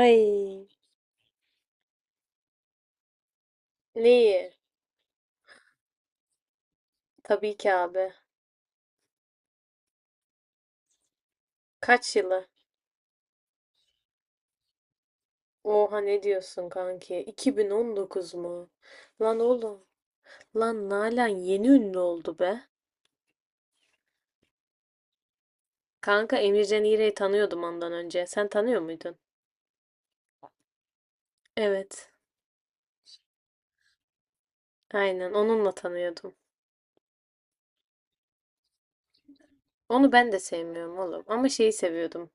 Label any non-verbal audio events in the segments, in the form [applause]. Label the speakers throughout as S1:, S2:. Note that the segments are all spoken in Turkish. S1: Ay, Lee. Tabii ki abi. Kaç yılı? Oha ne diyorsun kanki? 2019 mu? Lan oğlum. Lan Nalan yeni ünlü oldu be. Kanka Emircan İğrek'i tanıyordum ondan önce. Sen tanıyor muydun? Evet. Aynen onunla tanıyordum. Onu ben de sevmiyorum oğlum. Ama şeyi seviyordum.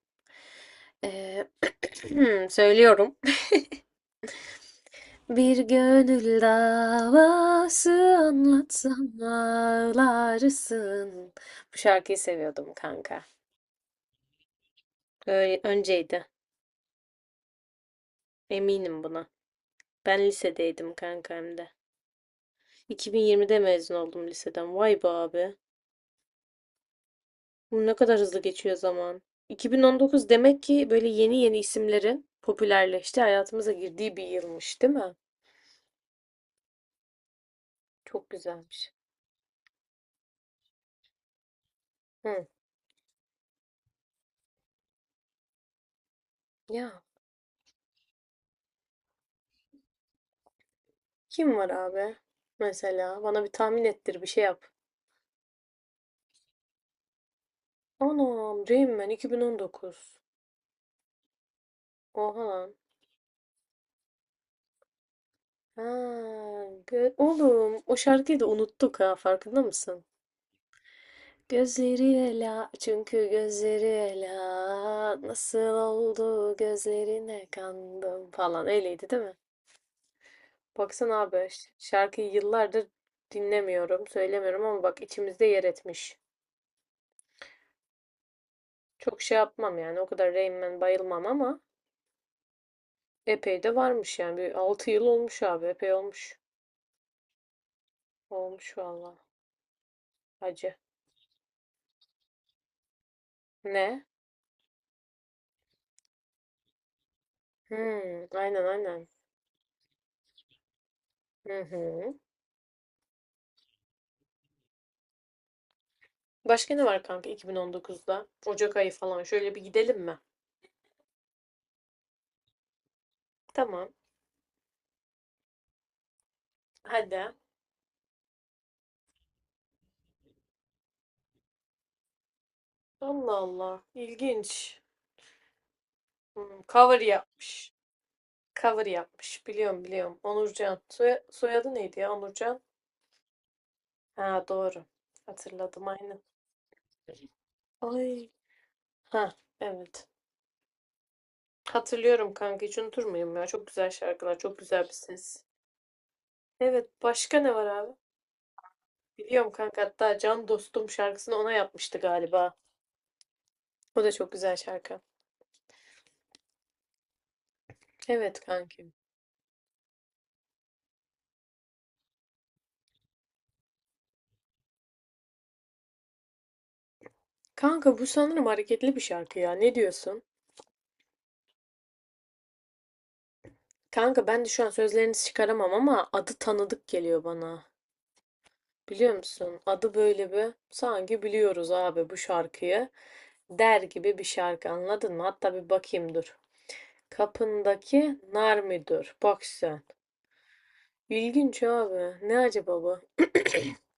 S1: Ee, [clears throat] söylüyorum. [laughs] Bir gönül davası anlatsam ağlarsın. Bu şarkıyı seviyordum kanka. Öyle önceydi. Eminim buna. Ben lisedeydim kanka hem de. 2020'de mezun oldum liseden. Vay be abi. Bu ne kadar hızlı geçiyor zaman. 2019 demek ki böyle yeni yeni isimlerin popülerleşti, hayatımıza girdiği bir yılmış, değil mi? Çok güzelmiş. Hı. Ya kim var abi? Mesela bana bir tahmin ettir, bir şey yap. Anam, Rain Man 2019. Oha lan. Ha, oğlum o şarkıyı da unuttuk ha farkında mısın? Gözleri ela çünkü gözleri ela nasıl oldu gözlerine kandım falan öyleydi değil mi? Baksana abi şarkıyı yıllardır dinlemiyorum söylemiyorum ama bak içimizde yer etmiş. Çok şey yapmam yani o kadar Rain Man bayılmam ama epey de varmış yani bir 6 yıl olmuş abi epey olmuş. Olmuş valla acı. Ne? Hmm, aynen aynen. Hı hı. Başka ne var kanka 2019'da? Ocak ayı falan şöyle bir gidelim mi? Tamam. Hadi. Allah Allah. İlginç. Cover yapmış. Cover yapmış. Biliyorum biliyorum. Onurcan. Soyadı neydi ya Onurcan? Ha doğru. Hatırladım aynen. Ay. Ha evet. Hatırlıyorum kanka. Hiç unutur muyum ya? Çok güzel şarkılar. Çok güzel bir ses. Evet. Başka ne var abi? Biliyorum kanka. Hatta Can Dostum şarkısını ona yapmıştı galiba. O da çok güzel şarkı. Evet kankim. Kanka bu sanırım hareketli bir şarkı ya. Ne diyorsun? Kanka ben de şu an sözlerinizi çıkaramam ama adı tanıdık geliyor bana. Biliyor musun? Adı böyle bir sanki biliyoruz abi bu şarkıyı der gibi bir şarkı anladın mı? Hatta bir bakayım dur. Kapındaki nar müdür? Bak sen. İlginç abi. Ne acaba bu?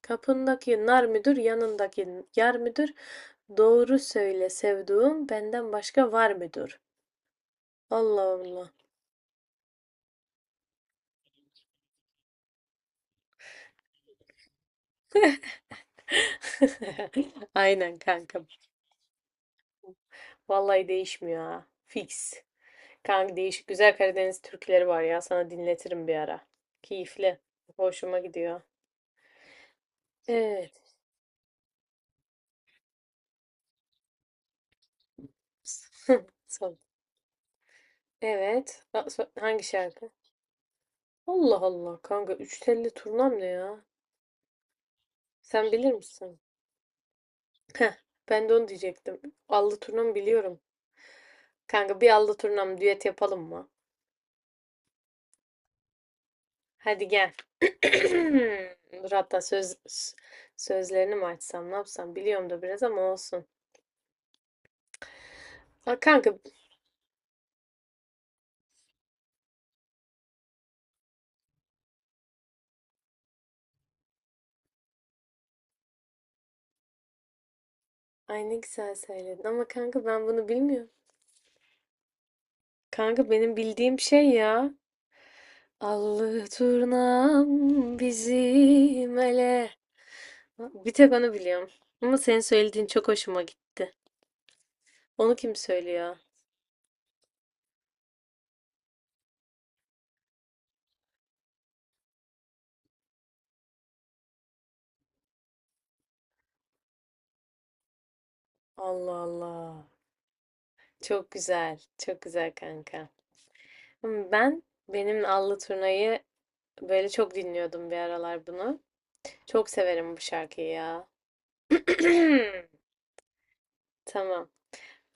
S1: Kapındaki nar müdür, yanındaki yar müdür? Doğru söyle sevduğum benden başka var müdür? Allah Allah. [laughs] Aynen kanka. Vallahi değişmiyor ha. Fix. Kanka değişik güzel Karadeniz türküleri var ya. Sana dinletirim bir ara. Keyifli. Hoşuma gidiyor. Evet. [laughs] Son. Evet. Hangi şarkı? Allah Allah kanka. Üç telli turnam ne ya? Sen bilir misin? Heh, ben de onu diyecektim. Allı turnam biliyorum. Kanka bir allı turnam düet yapalım mı? Hadi gel. [clears throat] Dur hatta söz sözlerini mi açsam ne yapsam biliyorum da biraz ama olsun. Aa, kanka ay ne güzel söyledin ama kanka ben bunu bilmiyorum. Kanka benim bildiğim şey ya. Allı turnam bizim ele. Bir tek onu biliyorum. Ama senin söylediğin çok hoşuma gitti. Onu kim söylüyor? Allah Allah. Çok güzel. Çok güzel kanka. Ama benim Allı Turna'yı böyle çok dinliyordum bir aralar bunu. Çok severim bu şarkıyı ya. [clears throat] Tamam.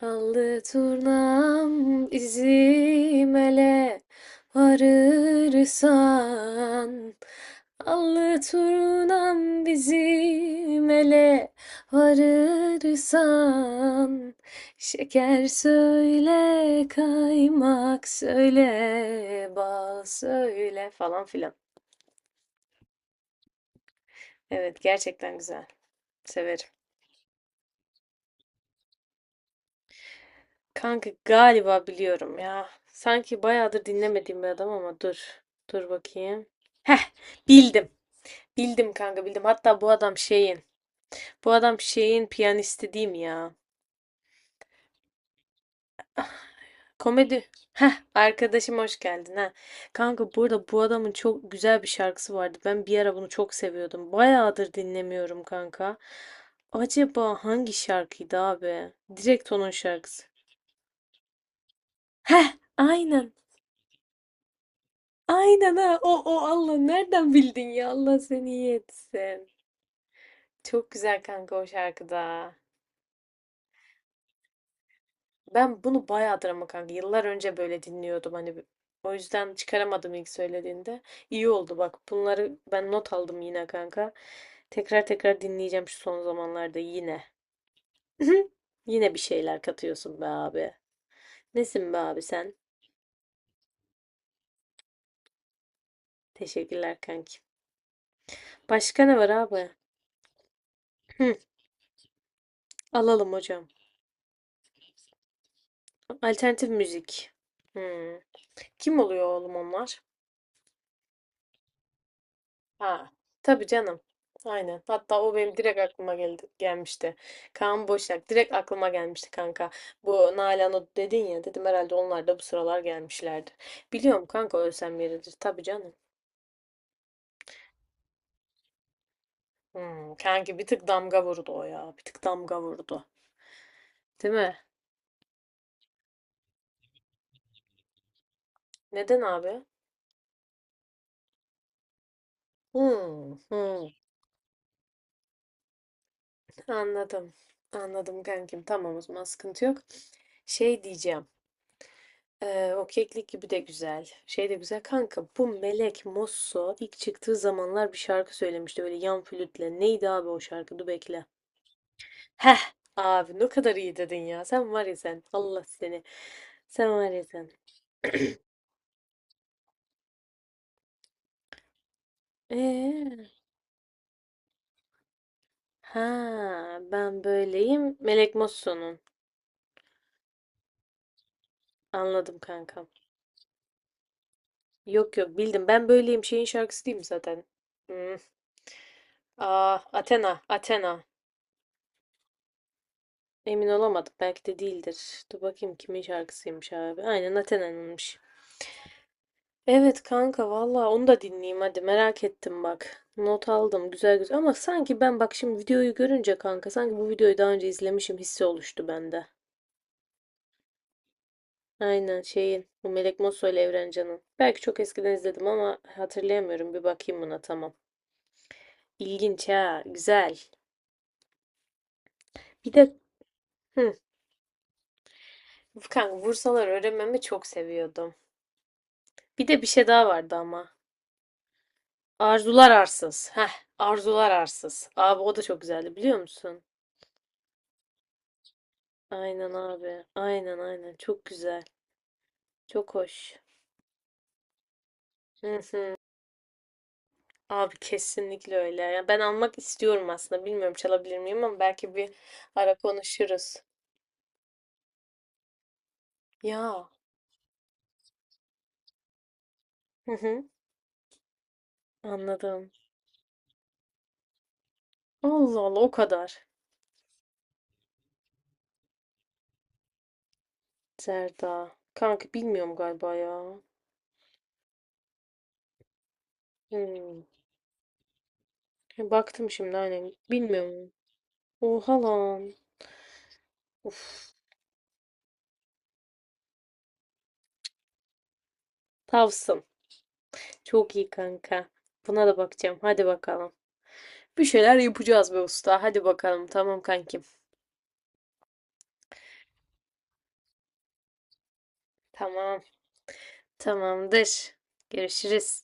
S1: Allı turnam izimele varırsan Allı turnam bizim ele varırsan Şeker söyle, kaymak söyle, bal söyle falan filan. Evet gerçekten güzel. Severim. Kanka galiba biliyorum ya. Sanki bayağıdır dinlemediğim bir adam ama dur. Dur bakayım. Heh, bildim. Bildim kanka bildim. Hatta bu adam şeyin. Bu adam şeyin piyanisti değil mi ya? Komedi. Heh, arkadaşım hoş geldin ha. Kanka burada bu adamın çok güzel bir şarkısı vardı. Ben bir ara bunu çok seviyordum. Bayağıdır dinlemiyorum kanka. Acaba hangi şarkıydı abi? Direkt onun şarkısı. Heh, aynen. Aynen ha. O Allah nereden bildin ya? Allah seni iyi etsin. Çok güzel kanka o şarkıda. Ben bunu bayağıdır ama kanka. Yıllar önce böyle dinliyordum hani. O yüzden çıkaramadım ilk söylediğinde. İyi oldu bak. Bunları ben not aldım yine kanka. Tekrar tekrar dinleyeceğim şu son zamanlarda yine. [laughs] Yine bir şeyler katıyorsun be abi. Nesin be abi sen? Teşekkürler kanki. Başka ne var abi? Hı, alalım hocam. Alternatif müzik. Hmm. Kim oluyor oğlum onlar? Ha, tabii canım. Aynen. Hatta o benim direkt aklıma geldi, gelmişti. Kaan Boşak direkt aklıma gelmişti kanka. Bu Nalan'ı dedin ya dedim herhalde onlar da bu sıralar gelmişlerdi. Biliyorum kanka ölsem yeridir. Tabii canım. Kanki bir tık damga vurdu o ya. Bir tık damga vurdu. Değil mi? Neden abi? Hmm, hmm. Anladım. Anladım kankim. Tamam o zaman sıkıntı yok. Şey diyeceğim. O keklik gibi de güzel. Şey de güzel. Kanka bu Melek Mosso ilk çıktığı zamanlar bir şarkı söylemişti böyle yan flütle. Neydi abi o şarkı? Dur bekle. Heh abi ne kadar iyi dedin ya. Sen var ya sen. Allah seni. Sen var ya sen. Eee, ha ben böyleyim. Melek Mosso'nun. Anladım kankam. Yok yok bildim. Ben böyleyim şeyin şarkısı değil mi zaten? Hmm. Aa Athena. Athena. Emin olamadım. Belki de değildir. Dur bakayım kimin şarkısıymış abi. Aynen Athena'nınmış. Evet kanka valla onu da dinleyeyim hadi merak ettim bak. Not aldım güzel güzel ama sanki ben bak şimdi videoyu görünce kanka sanki bu videoyu daha önce izlemişim hissi oluştu bende. Aynen şeyin bu Melek Mosso ile Evren Can'ın. Belki çok eskiden izledim ama hatırlayamıyorum bir bakayım buna tamam. İlginç ha güzel. Bir de hı, kanka vursalar öğrenmemi çok seviyordum. Bir de bir şey daha vardı ama. Arzular arsız. Heh, arzular arsız. Abi o da çok güzeldi biliyor musun? Aynen abi. Aynen aynen. Çok güzel. Çok hoş. Hı hı. Abi kesinlikle öyle. Ya ben almak istiyorum aslında. Bilmiyorum çalabilir miyim ama belki bir ara konuşuruz. Ya. Hı hı. Anladım. Allah Allah o kadar. Serda. Kanka bilmiyorum galiba ya. Hmm. Baktım şimdi aynen. Bilmiyorum. Oha lan. Uf. Tavsın. Çok iyi kanka. Buna da bakacağım. Hadi bakalım. Bir şeyler yapacağız be usta. Hadi bakalım. Tamam kankim. Tamam. Tamamdır. Görüşürüz.